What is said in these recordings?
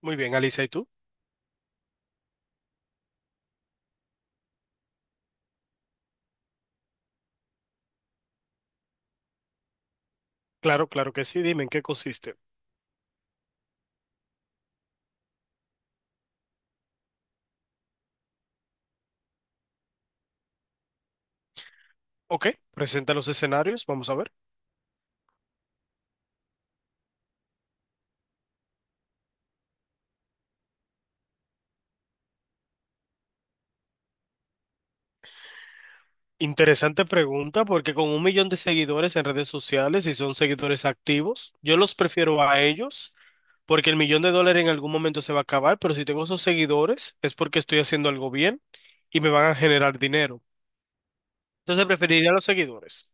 Muy bien, Alicia, ¿y tú? Claro, claro que sí. Dime en qué consiste. Ok, presenta los escenarios, vamos a ver. Interesante pregunta, porque con 1 millón de seguidores en redes sociales, y son seguidores activos, yo los prefiero a ellos, porque el 1 millón de dólares en algún momento se va a acabar, pero si tengo esos seguidores es porque estoy haciendo algo bien y me van a generar dinero. Entonces preferiría a los seguidores.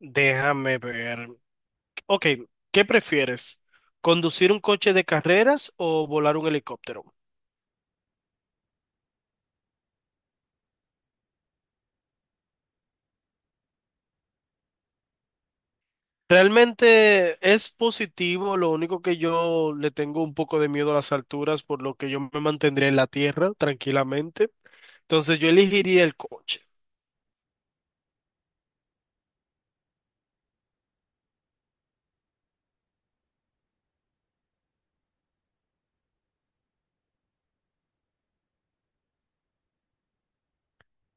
Déjame ver. Ok, ¿qué prefieres? ¿Conducir un coche de carreras o volar un helicóptero? Realmente es positivo, lo único que yo le tengo un poco de miedo a las alturas, por lo que yo me mantendría en la tierra tranquilamente. Entonces yo elegiría el coche.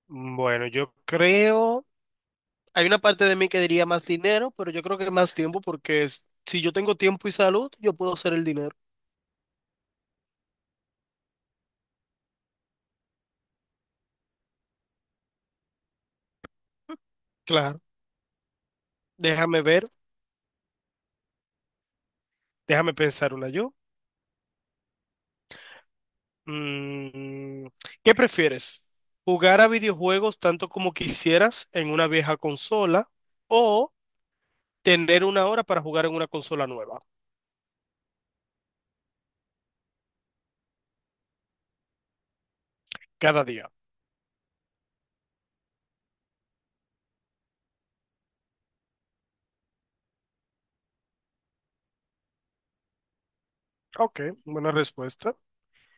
Bueno, yo creo, hay una parte de mí que diría más dinero, pero yo creo que más tiempo si yo tengo tiempo y salud, yo puedo hacer el dinero. Claro. Déjame ver, déjame pensar una yo. Mm, ¿Qué prefieres? ¿Jugar a videojuegos tanto como quisieras en una vieja consola o tener 1 hora para jugar en una consola nueva cada día? Ok, buena respuesta.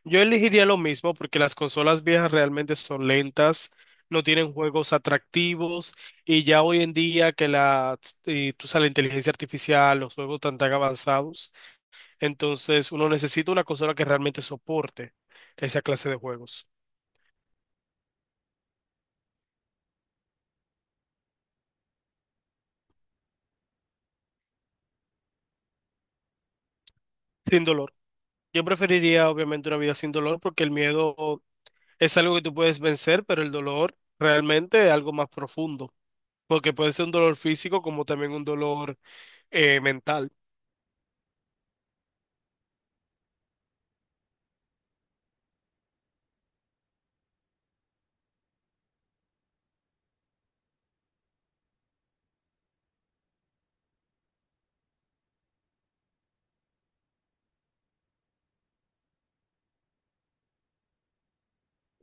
Yo elegiría lo mismo porque las consolas viejas realmente son lentas, no tienen juegos atractivos y ya hoy en día que la, y tú sabes, la inteligencia artificial, los juegos tan tan avanzados, entonces uno necesita una consola que realmente soporte esa clase de juegos sin dolor. Yo preferiría obviamente una vida sin dolor porque el miedo es algo que tú puedes vencer, pero el dolor realmente es algo más profundo. Porque puede ser un dolor físico como también un dolor mental.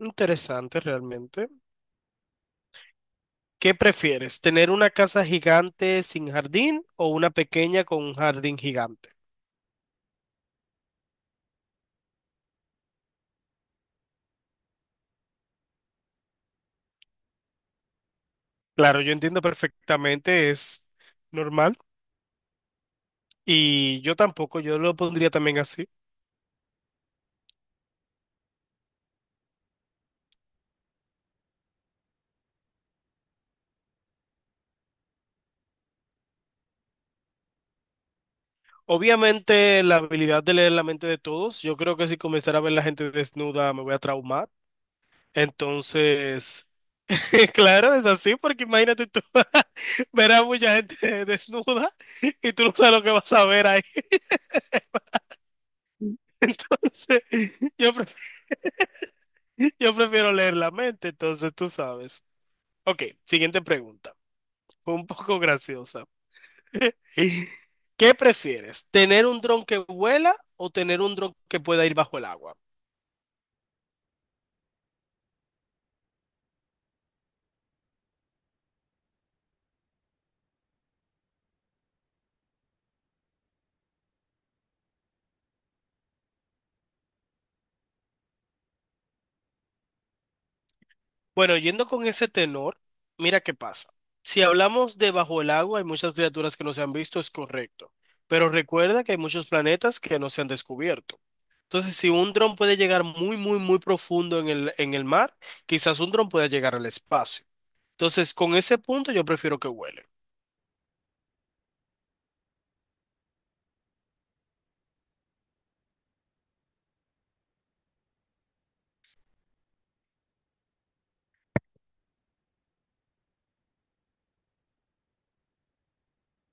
Interesante realmente. ¿Qué prefieres? ¿Tener una casa gigante sin jardín o una pequeña con un jardín gigante? Claro, yo entiendo perfectamente, es normal y yo tampoco, yo lo pondría también así. Obviamente la habilidad de leer la mente de todos, yo creo que si comenzara a ver la gente desnuda me voy a traumar. Entonces... Claro, es así, porque imagínate tú ver a mucha gente desnuda y tú no sabes lo que vas a ver ahí. Entonces, yo prefiero, yo prefiero leer la mente, entonces tú sabes. Ok, siguiente pregunta. Fue un poco graciosa. ¿Qué prefieres? ¿Tener un dron que vuela o tener un dron que pueda ir bajo el agua? Bueno, yendo con ese tenor, mira qué pasa. Si hablamos de bajo el agua, hay muchas criaturas que no se han visto, es correcto. Pero recuerda que hay muchos planetas que no se han descubierto. Entonces, si un dron puede llegar muy, muy, muy profundo en el mar, quizás un dron pueda llegar al espacio. Entonces, con ese punto yo prefiero que huele.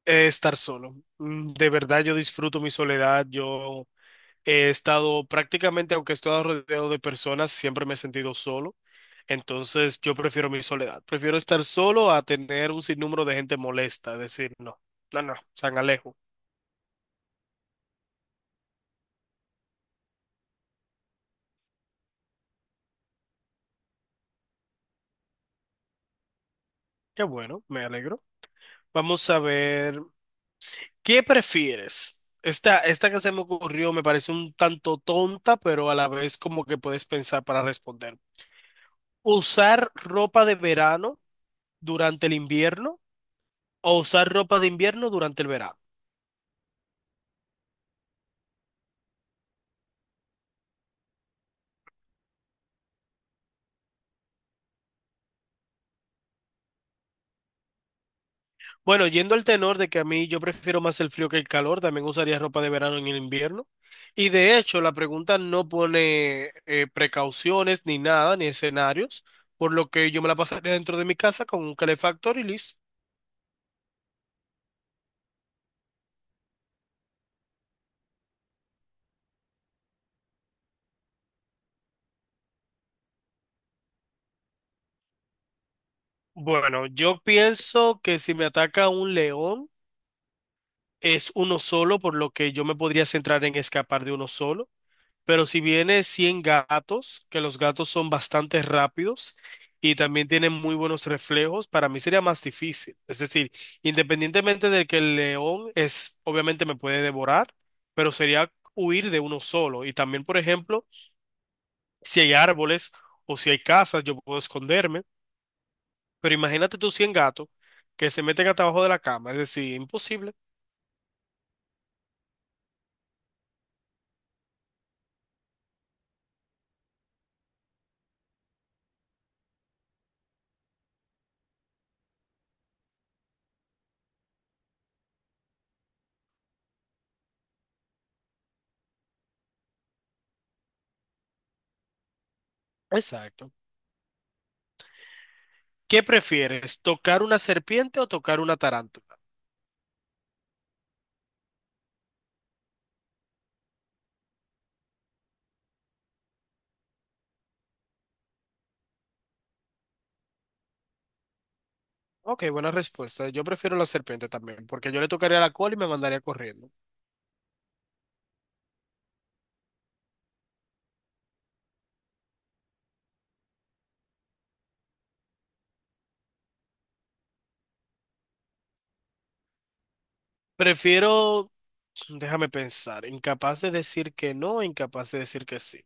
Estar solo. De verdad, yo disfruto mi soledad. Yo he estado prácticamente, aunque he estado rodeado de personas, siempre me he sentido solo. Entonces yo prefiero mi soledad. Prefiero estar solo a tener un sinnúmero de gente molesta. Decir, no, no, no, San Alejo. Qué bueno, me alegro. Vamos a ver, ¿qué prefieres? Esta que se me ocurrió me parece un tanto tonta, pero a la vez como que puedes pensar para responder. ¿Usar ropa de verano durante el invierno o usar ropa de invierno durante el verano? Bueno, yendo al tenor de que a mí yo prefiero más el frío que el calor, también usaría ropa de verano en el invierno. Y de hecho, la pregunta no pone precauciones ni nada, ni escenarios, por lo que yo me la pasaría dentro de mi casa con un calefactor y listo. Bueno, yo pienso que si me ataca un león es uno solo, por lo que yo me podría centrar en escapar de uno solo. Pero si viene 100 gatos, que los gatos son bastante rápidos y también tienen muy buenos reflejos, para mí sería más difícil. Es decir, independientemente de que el león es, obviamente me puede devorar, pero sería huir de uno solo. Y también, por ejemplo, si hay árboles o si hay casas, yo puedo esconderme. Pero imagínate tú 100 gatos que se meten hasta abajo de la cama. Es decir, imposible. Exacto. ¿Qué prefieres, tocar una serpiente o tocar una tarántula? Ok, buena respuesta. Yo prefiero la serpiente también, porque yo le tocaría la cola y me mandaría corriendo. Prefiero, déjame pensar, incapaz de decir que no, incapaz de decir que sí.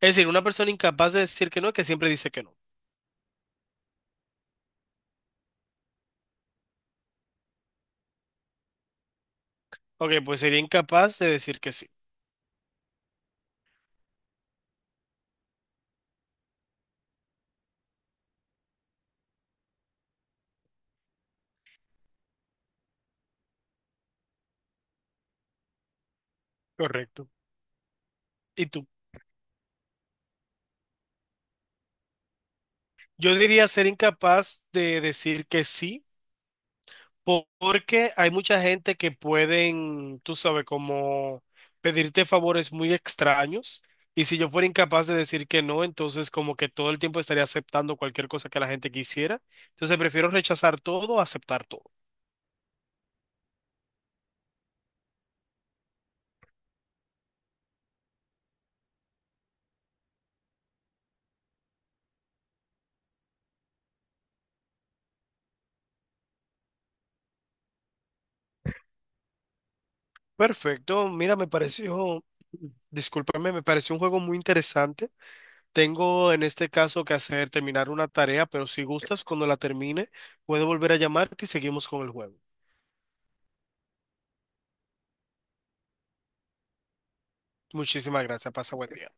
Es decir, una persona incapaz de decir que no, que siempre dice que no. Ok, pues sería incapaz de decir que sí. Correcto. ¿Y tú? Yo diría ser incapaz de decir que sí. Porque hay mucha gente que pueden, tú sabes, como pedirte favores muy extraños. Y si yo fuera incapaz de decir que no, entonces como que todo el tiempo estaría aceptando cualquier cosa que la gente quisiera. Entonces prefiero rechazar todo, a aceptar todo. Perfecto. Mira, me pareció, discúlpame, me pareció un juego muy interesante. Tengo en este caso que hacer terminar una tarea, pero si gustas, cuando la termine, puedo volver a llamarte y seguimos con el juego. Muchísimas gracias. Pasa buen día.